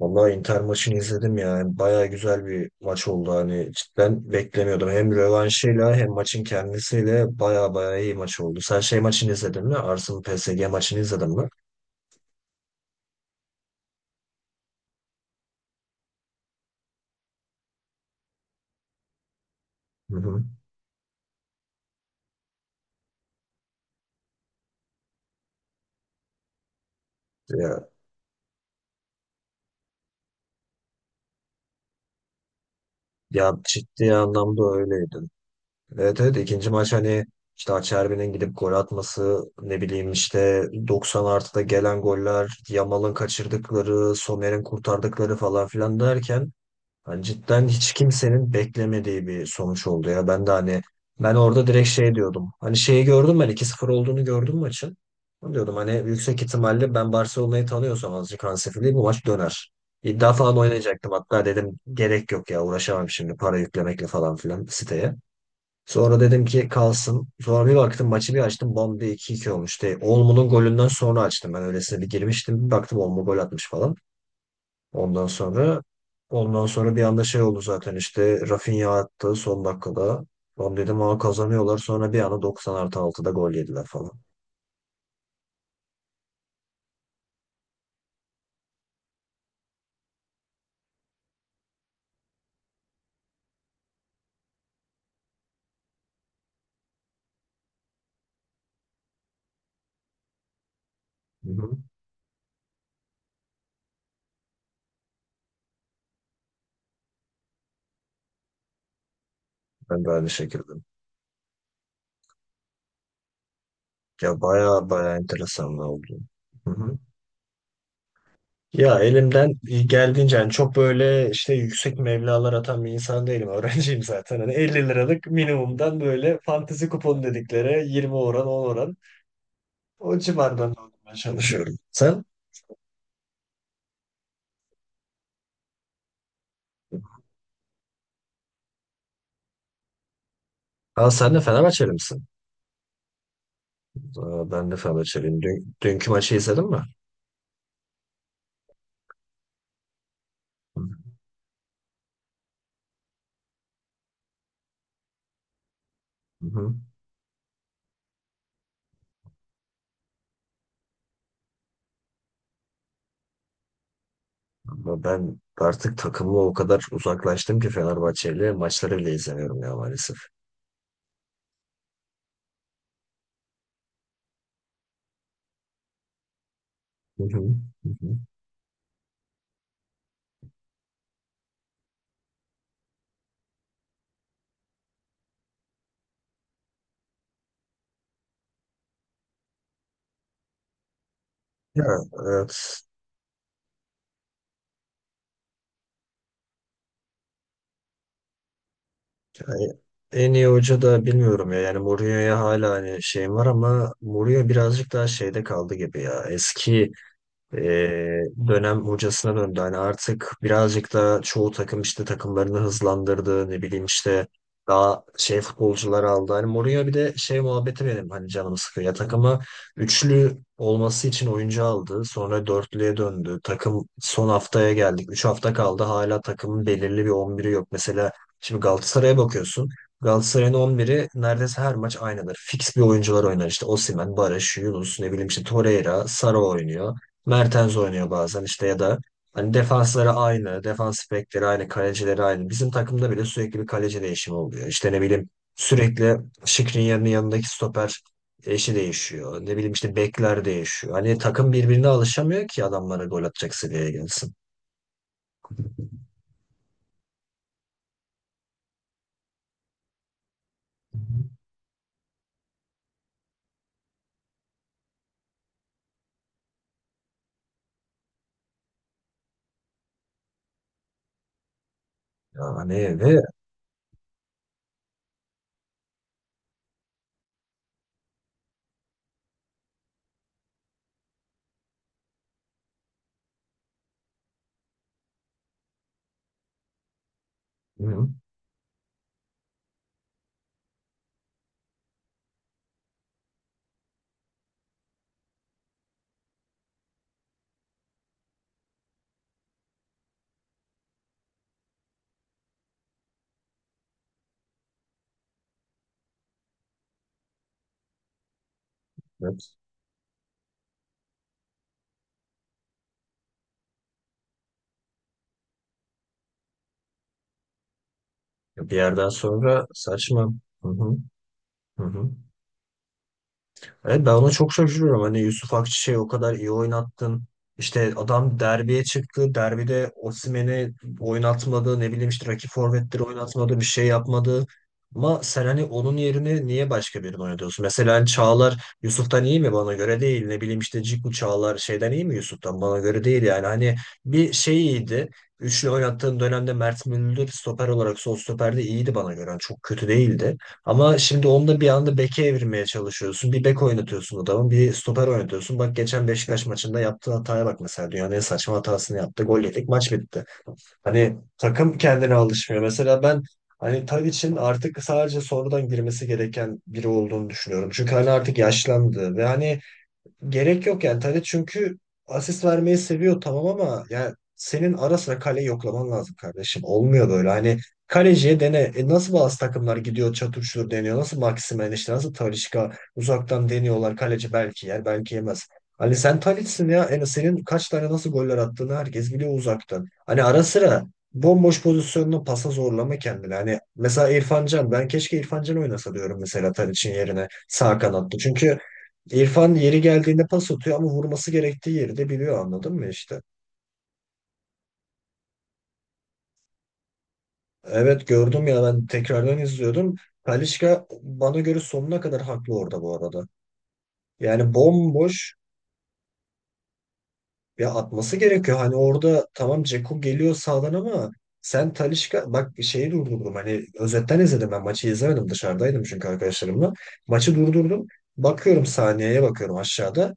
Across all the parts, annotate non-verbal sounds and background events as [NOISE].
Vallahi Inter maçını izledim ya. Bayağı güzel bir maç oldu. Hani cidden beklemiyordum. Hem rövanşıyla hem maçın kendisiyle bayağı bayağı iyi maç oldu. Sen şey maçını izledin mi? Arsenal PSG maçını izledin mi? Hı hı. Ya, ya, ciddi anlamda öyleydi. Evet evet, ikinci maç hani işte Acerbi'nin gidip gol atması, ne bileyim işte 90 artıda gelen goller, Yamal'ın kaçırdıkları, Sommer'in kurtardıkları falan filan derken yani cidden hiç kimsenin beklemediği bir sonuç oldu ya. Ben de hani ben orada direkt şey diyordum. Hani şeyi gördüm, ben 2-0 olduğunu gördüm maçın. Ben diyordum hani yüksek ihtimalle ben Barcelona'yı tanıyorsam azıcık Hansi Flick bu maç döner. İddia falan oynayacaktım hatta, dedim gerek yok ya, uğraşamam şimdi para yüklemekle falan filan siteye. Sonra dedim ki kalsın. Sonra bir baktım, maçı bir açtım, bam diye iki 2 olmuş. Olmo'nun golünden sonra açtım, ben öylesine bir girmiştim. Bir baktım Olmo gol atmış falan. Ondan sonra ondan sonra bir anda şey oldu zaten, işte Rafinha attı son dakikada. Lan dedim, aa, kazanıyorlar. Sonra bir anda 90 artı 6'da gol yediler falan. Hı hı. Ben de aynı şekilde. Ya baya baya enteresan oldu. Hı hı. Ya elimden geldiğince yani, çok böyle işte yüksek meblağlar atan bir insan değilim. [LAUGHS] Öğrenciyim zaten. Hani 50 liralık minimumdan böyle fantezi kupon dedikleri 20 oran 10 oran o civardan almaya çalışıyorum. Sen? Aa, sen de Fenerbahçeli misin? Aa, ben de Fenerbahçeliyim. Dünkü maçı izledin mi? Hı hı. Ama ben artık takımı o kadar uzaklaştım ki Fenerbahçeli maçları bile izlemiyorum ya maalesef. Hı hı. Hı hı. Ya evet. Yani en iyi hoca da bilmiyorum ya. Yani Mourinho'ya hala hani şeyim var ama Mourinho birazcık daha şeyde kaldı gibi ya. Eski Ee, dönem hocasına döndü. Hani artık birazcık da çoğu takım işte takımlarını hızlandırdı. Ne bileyim işte daha şey futbolcular aldı. Hani Mourinho bir de şey muhabbeti benim hani canımı sıkıyor. Ya takımı üçlü olması için oyuncu aldı. Sonra dörtlüye döndü. Takım son haftaya geldik. 3 hafta kaldı. Hala takımın belirli bir 11'i yok. Mesela şimdi Galatasaray'a bakıyorsun. Galatasaray'ın 11'i neredeyse her maç aynıdır. Fix bir oyuncular oynar işte. Osimhen, Barış, Yunus, ne bileyim işte Torreira, Sara oynuyor. Mertens oynuyor bazen işte, ya da hani defansları aynı, defans bekleri aynı, kalecileri aynı. Bizim takımda bile sürekli bir kaleci değişimi oluyor. İşte ne bileyim sürekli Skriniar'ın yanındaki stoper eşi değişiyor. Ne bileyim işte bekler değişiyor. Hani takım birbirine alışamıyor ki adamlara gol atacak seviyeye gelsin. Hı hı. Yani ve hı, evet. Bir yerden sonra saçma. Hı hı, hı hı. Evet, ben ona çok şaşırıyorum. Hani Yusuf Akçiçek'i o kadar iyi oynattın. İşte adam derbiye çıktı. Derbide Osimhen'i oynatmadı. Ne bileyim işte rakip forvetleri oynatmadı. Bir şey yapmadı. Ama sen hani onun yerine niye başka birini oynatıyorsun? Mesela hani Çağlar Yusuf'tan iyi mi? Bana göre değil. Ne bileyim işte Ciku Çağlar şeyden iyi mi Yusuf'tan? Bana göre değil yani. Hani bir şey iyiydi. Üçlü oynattığın dönemde Mert Müldür stoper olarak sol stoperde iyiydi bana göre. Yani çok kötü değildi. Ama şimdi onu da bir anda beke evirmeye çalışıyorsun. Bir bek oynatıyorsun adamı, bir stoper oynatıyorsun. Bak geçen Beşiktaş maçında yaptığı hataya bak mesela. Dünyanın en saçma hatasını yaptı. Gol yedik, maç bitti. Hani takım kendine alışmıyor. Mesela ben hani Tadic'in artık sadece sonradan girmesi gereken biri olduğunu düşünüyorum. Çünkü hani artık yaşlandı ve hani gerek yok yani. Tadic çünkü asist vermeyi seviyor, tamam, ama yani senin ara sıra kaleyi yoklaman lazım kardeşim. Olmuyor böyle. Hani kaleciye dene. E nasıl bazı takımlar gidiyor çatır çutur deniyor. Nasıl Maximen işte nasıl Talisca uzaktan deniyorlar. Kaleci belki yer belki yemez. Hani sen Talis'sin ya, en senin kaç tane nasıl goller attığını herkes biliyor uzaktan. Hani ara sıra bomboş pozisyonunu pasa zorlama kendini. Hani mesela İrfan Can, ben keşke İrfan Can oynasa diyorum mesela Tadiç'in yerine sağ kanatta. Çünkü İrfan yeri geldiğinde pas atıyor ama vurması gerektiği yeri de biliyor, anladın mı işte. Evet gördüm ya, ben tekrardan izliyordum. Talisca bana göre sonuna kadar haklı orada bu arada. Yani bomboş, ya atması gerekiyor. Hani orada tamam Dzeko geliyor sağdan ama sen Talisca bak, şeyi durdurdum. Hani özetten izledim, ben maçı izlemedim, dışarıdaydım çünkü arkadaşlarımla. Maçı durdurdum. Bakıyorum saniyeye, bakıyorum aşağıda.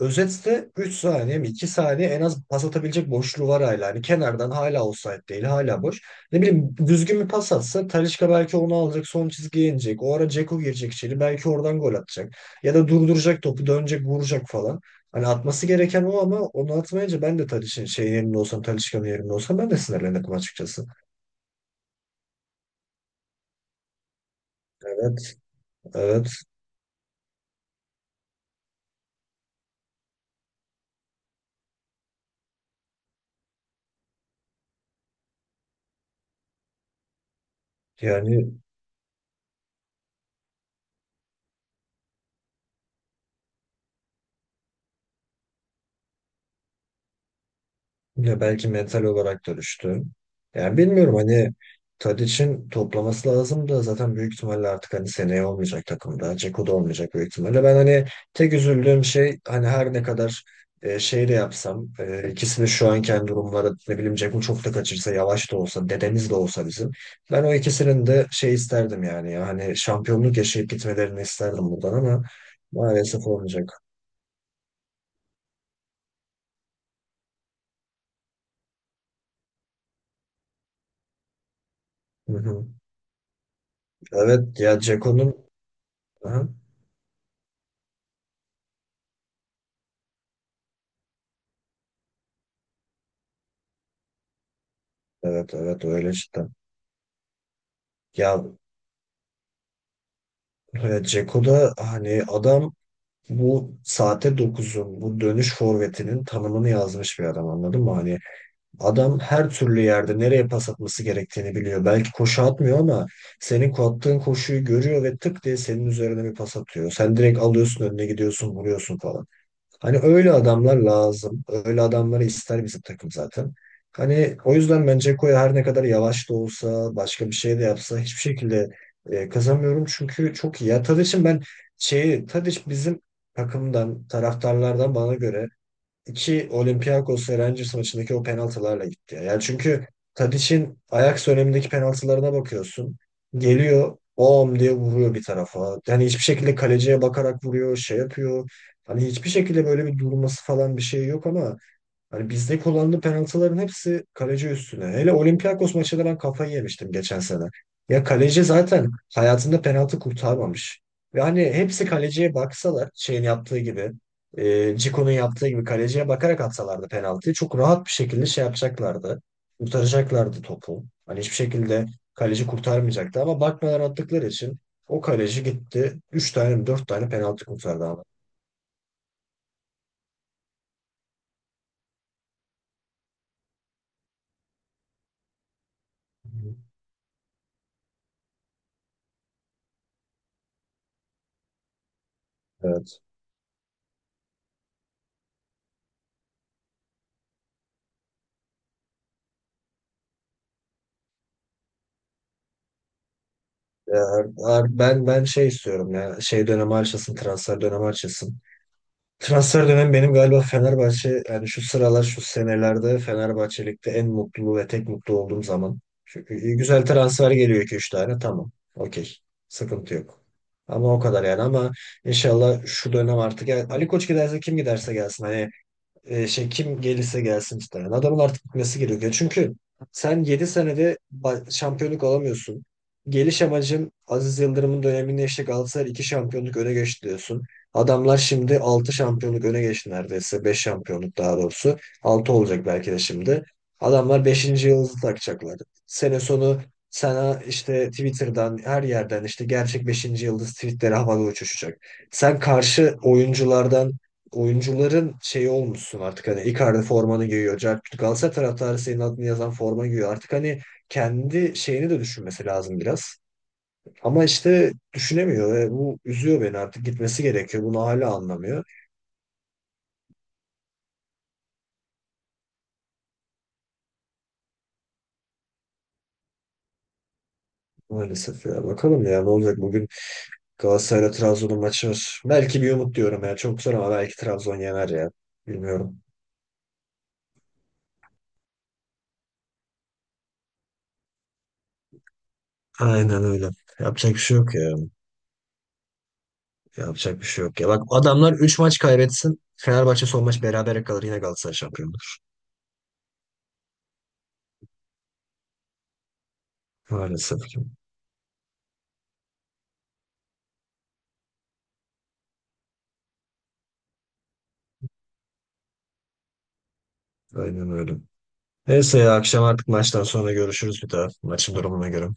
Özetse 3 saniye mi 2 saniye en az pas atabilecek boşluğu var hala. Hani kenardan hala offside değil, hala boş. Ne bileyim düzgün bir pas atsa Talisca belki onu alacak, son çizgiye inecek. O ara Dzeko girecek içeri, belki oradan gol atacak. Ya da durduracak topu, dönecek, vuracak falan. Hani atması gereken o ama onu atmayınca ben de Talisca'nın yerinde olsam ben de sinirlenirdim açıkçası. Evet evet yani. Ya belki mental olarak dönüştü. Yani bilmiyorum hani Tadiç'in toplaması lazım da zaten büyük ihtimalle artık hani seneye olmayacak takımda. Ceko da olmayacak büyük ihtimalle. Ben hani tek üzüldüğüm şey, hani her ne kadar şey de yapsam, ikisini şu anken durumları ne bileyim, Ceko çok da kaçırsa, yavaş da olsa, dedemiz de olsa bizim. Ben o ikisinin de şey isterdim yani, ya hani şampiyonluk yaşayıp gitmelerini isterdim buradan ama maalesef olmayacak. Hı hı. Evet ya Ceko'nun. Aha. Evet evet öyle işte. Ya Dzeko da hani adam bu saate dokuzun bu dönüş forvetinin tanımını yazmış bir adam, anladın mı? Hani adam her türlü yerde nereye pas atması gerektiğini biliyor. Belki koşu atmıyor ama senin attığın koşuyu görüyor ve tık diye senin üzerine bir pas atıyor. Sen direkt alıyorsun, önüne gidiyorsun, vuruyorsun falan. Hani öyle adamlar lazım. Öyle adamları ister bizim takım zaten. Hani o yüzden bence Dzeko her ne kadar yavaş da olsa, başka bir şey de yapsa hiçbir şekilde kazanmıyorum. Çünkü çok iyi. Ya Tadiç'in ben şeyi, Tadiç bizim takımdan, taraftarlardan bana göre iki Olympiakos ve Rangers maçındaki o penaltılarla gitti ya. Yani çünkü Tadic'in Ajax dönemindeki penaltılarına bakıyorsun. Geliyor, bom diye vuruyor bir tarafa. Yani hiçbir şekilde kaleciye bakarak vuruyor, şey yapıyor. Hani hiçbir şekilde böyle bir durması falan bir şey yok ama hani bizde kullanılan penaltıların hepsi kaleci üstüne. Hele Olympiakos maçında ben kafayı yemiştim geçen sene. Ya kaleci zaten hayatında penaltı kurtarmamış. Ve hani hepsi kaleciye baksalar şeyin yaptığı gibi, Cico'nun yaptığı gibi, kaleciye bakarak atsalardı penaltıyı çok rahat bir şekilde şey yapacaklardı. Kurtaracaklardı topu. Hani hiçbir şekilde kaleci kurtarmayacaktı ama bakmadan attıkları için o kaleci gitti. 3 tane mi 4 tane penaltı kurtardı ama. Evet. Ya ben şey istiyorum ya. Şey dönemi açılsın, transfer dönemi açılsın. Transfer dönemi benim galiba Fenerbahçe yani şu sıralar şu senelerde Fenerbahçelik'te en mutlu ve tek mutlu olduğum zaman. Çünkü güzel transfer geliyor 2 üç tane, tamam. Okey. Sıkıntı yok. Ama o kadar yani, ama inşallah şu dönem artık yani Ali Koç giderse, kim giderse gelsin. Hani şey, kim gelirse gelsin muhtemelen. Adamın artık gitmesi gerekiyor. Çünkü sen 7 senede şampiyonluk alamıyorsun. Geliş amacın Aziz Yıldırım'ın döneminde işte Galatasaray 2 şampiyonluk öne geçti diyorsun. Adamlar şimdi 6 şampiyonluk öne geçti neredeyse. Beş şampiyonluk daha doğrusu. Altı olacak belki de şimdi. Adamlar beşinci yıldızı takacaklar. Sene sonu sana işte Twitter'dan her yerden işte gerçek beşinci yıldız tweetleri havada uçuşacak. Sen karşı oyunculardan oyuncuların şeyi olmuşsun artık, hani Icardi formanı giyiyor. Cercut Galatasaray taraftarı senin adını yazan forma giyiyor. Artık hani kendi şeyini de düşünmesi lazım biraz. Ama işte düşünemiyor ve bu üzüyor beni, artık gitmesi gerekiyor. Bunu hala anlamıyor. Maalesef ya, bakalım ya ne olacak bugün. Galatasaray'la Trabzon'un maçı var. Belki bir umut diyorum ya, çok zor ama belki Trabzon yener ya. Bilmiyorum. Aynen öyle. Yapacak bir şey yok ya. Yapacak bir şey yok ya. Bak adamlar 3 maç kaybetsin, Fenerbahçe son maç berabere kalır, yine Galatasaray şampiyon. Maalesef ki. Aynen öyle. Neyse ya, akşam artık maçtan sonra görüşürüz bir daha. Maçın durumuna göre.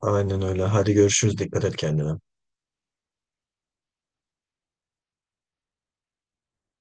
Aynen öyle. Hadi görüşürüz. Dikkat et kendine.